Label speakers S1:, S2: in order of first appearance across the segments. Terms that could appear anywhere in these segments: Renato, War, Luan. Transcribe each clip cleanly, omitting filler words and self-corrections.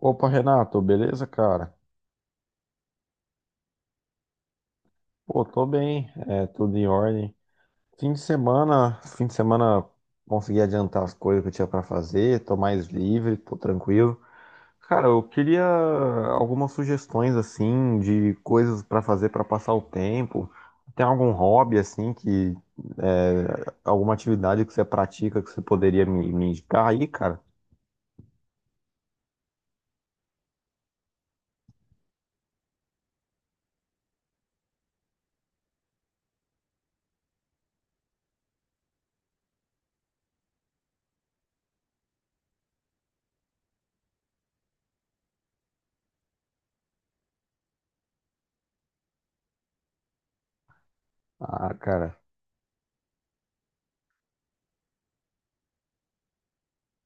S1: Opa, Renato, beleza, cara? Pô, tô bem, é tudo em ordem. Fim de semana consegui adiantar as coisas que eu tinha pra fazer, tô mais livre, tô tranquilo. Cara, eu queria algumas sugestões assim de coisas pra fazer pra passar o tempo. Tem algum hobby assim que alguma atividade que você pratica que você poderia me indicar aí, cara? Ah, cara,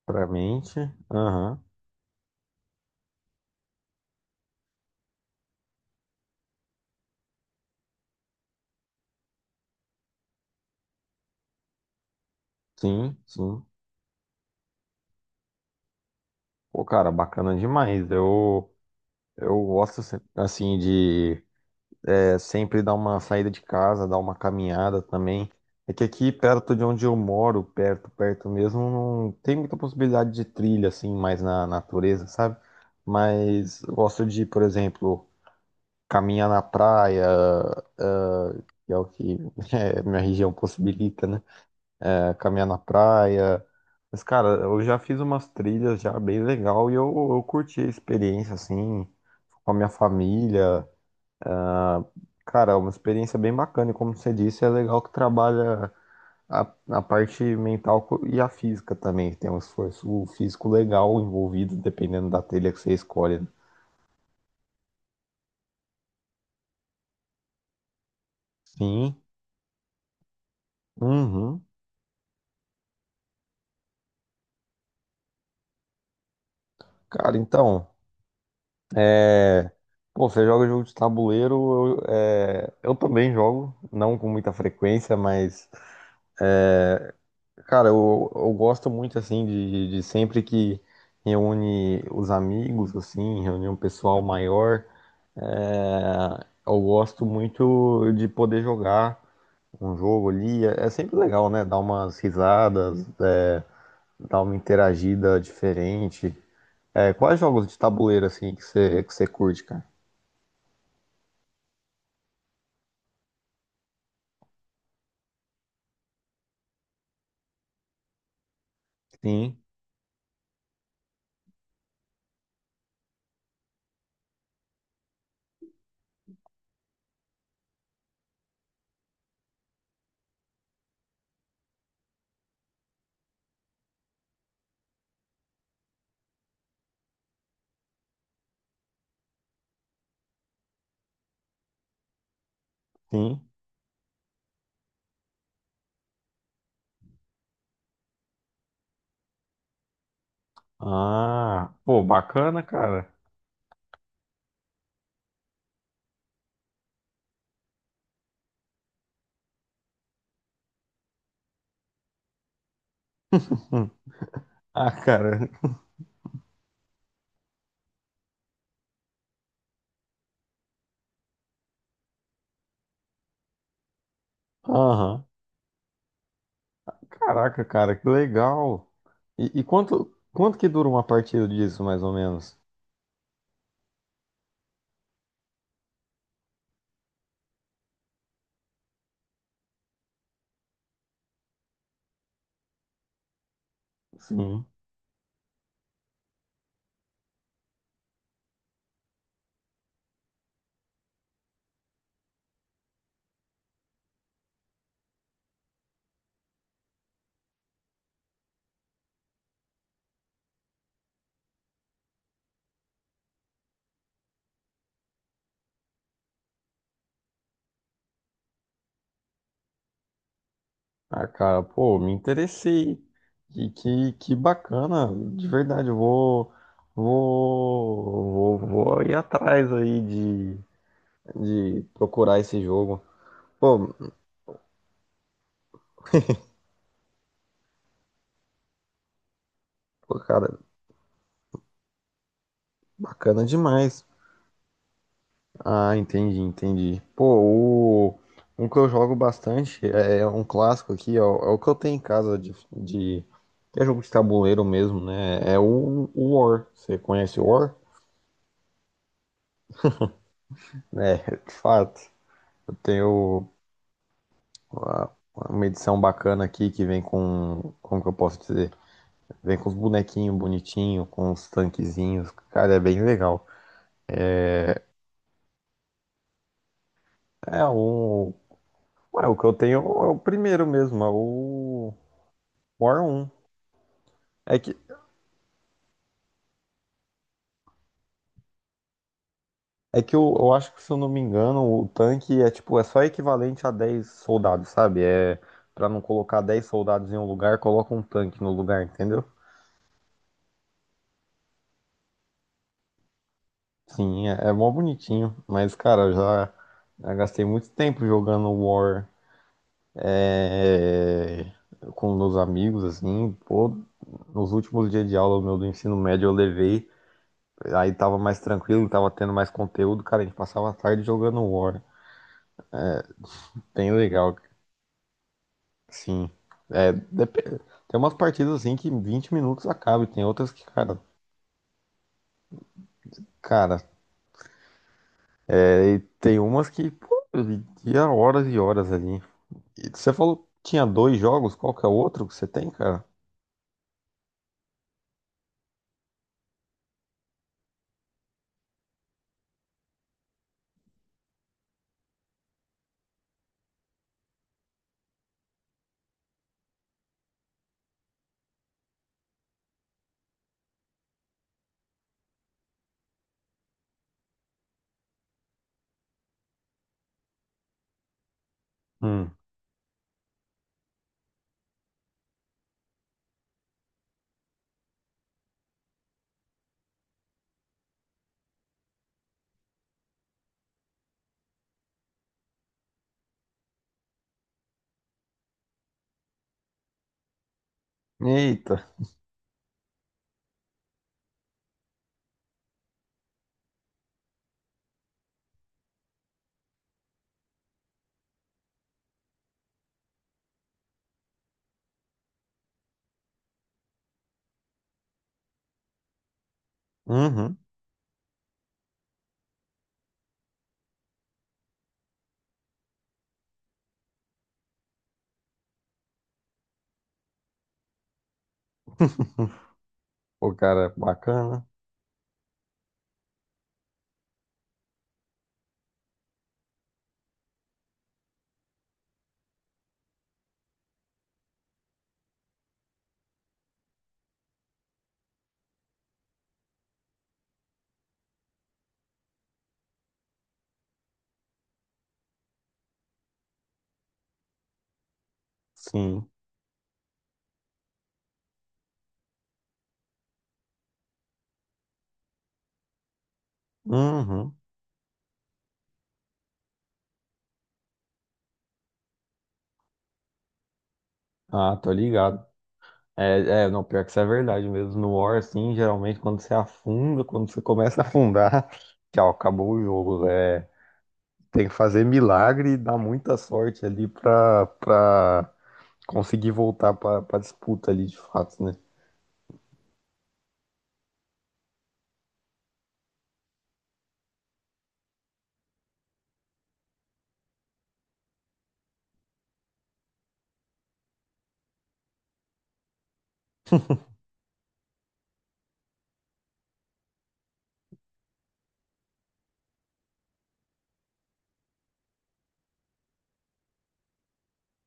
S1: pra mente, aham. Sim, sim. Pô, cara, bacana demais. Eu gosto, assim, de sempre dar uma saída de casa, dar uma caminhada também. É que aqui perto de onde eu moro, perto, perto mesmo, não tem muita possibilidade de trilha, assim, mais na natureza, sabe? Mas eu gosto de, por exemplo, caminhar na praia, ah, que é o que minha região possibilita, né? É, caminhar na praia. Mas, cara, eu já fiz umas trilhas já bem legal e eu curti a experiência, assim, com a minha família. Cara, é uma experiência bem bacana, e como você disse, é legal que trabalha a, a parte mental e a física também, que tem um esforço físico legal envolvido, dependendo da telha que você escolhe, né? Sim, uhum. Cara, então, pô, você joga jogo de tabuleiro, eu também jogo, não com muita frequência, mas, cara, eu gosto muito, assim, de sempre que reúne os amigos, assim, reúne um pessoal maior. Eu gosto muito de poder jogar um jogo ali. É sempre legal, né? Dar umas risadas, dar uma interagida diferente. Quais jogos de tabuleiro, assim, que você curte, cara? Sim, sim. Ah, pô, bacana, cara. Hum. Ah, cara. Aham. Caraca, cara, que legal. E quanto que dura uma partida disso, mais ou menos? Sim. Ah, cara, pô, me interessei. E que bacana, de verdade, eu vou ir atrás aí de procurar esse jogo. Pô, pô, cara, bacana demais. Ah, entendi, entendi. Pô, um que eu jogo bastante é um clássico aqui, é o que eu tenho em casa que é jogo de tabuleiro mesmo, né? É o War. Você conhece o War? É, de fato. Eu tenho. Uma uma edição bacana aqui que vem com, como que eu posso dizer? Vem com os bonequinhos bonitinhos, com os tanquezinhos, cara, é bem legal. É o, o que eu tenho é o primeiro mesmo, é o War um. É que, é que eu acho que, se eu não me engano, o tanque é tipo, é só equivalente a 10 soldados, sabe? É pra não colocar 10 soldados em um lugar, coloca um tanque no lugar, entendeu? Sim, é mó bonitinho, mas cara, eu já gastei muito tempo jogando War, é, com meus amigos, assim, pô, nos últimos dias de aula meu do ensino médio eu levei, aí tava mais tranquilo, tava tendo mais conteúdo, cara, a gente passava a tarde jogando War. Bem legal, sim. É, dep- Tem umas partidas assim que em 20 minutos acaba, e tem outras que, cara, é, e tem umas que, pô, ia horas e horas ali. E você falou que tinha dois jogos, qual que é o outro que você tem, cara? Hum. Eita. Uhum. Pô, cara, bacana. Sim. Uhum. Ah, tô ligado. É, não, pior que isso é verdade mesmo. No War, assim, geralmente quando você afunda, quando você começa a afundar, tchau, acabou o jogo. É, tem que fazer milagre e dar muita sorte ali pra, pra conseguir voltar pra disputa ali, de fato, né?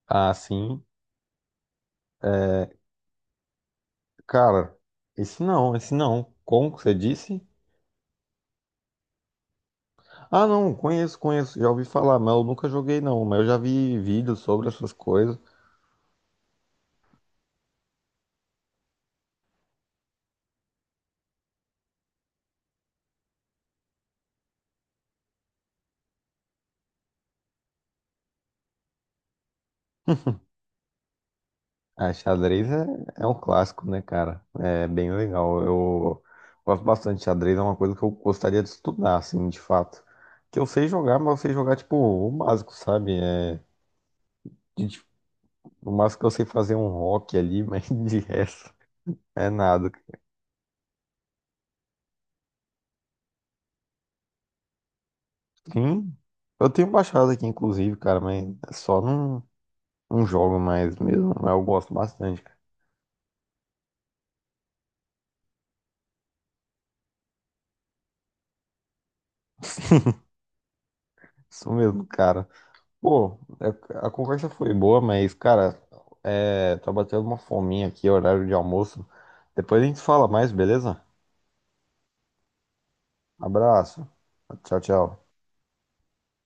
S1: Ah, sim. É, Cara, esse não, esse não. Como que você disse? Ah, não, conheço, conheço. Já ouvi falar, mas eu nunca joguei, não. Mas eu já vi vídeos sobre essas coisas. A xadrez é um clássico, né, cara? É bem legal. Eu gosto bastante de xadrez, é uma coisa que eu gostaria de estudar, assim, de fato. Que eu sei jogar, mas eu sei jogar, tipo, o básico, sabe? De- de- o básico que eu sei fazer é um rock ali, mas de resto é nada. Sim, eu tenho baixado aqui, inclusive, cara, mas é só não jogo mais mesmo. Mas eu gosto bastante, cara. Isso mesmo, cara. Pô, a conversa foi boa, mas, cara, tá batendo uma fominha aqui, horário de almoço. Depois a gente fala mais, beleza? Abraço. Tchau, tchau.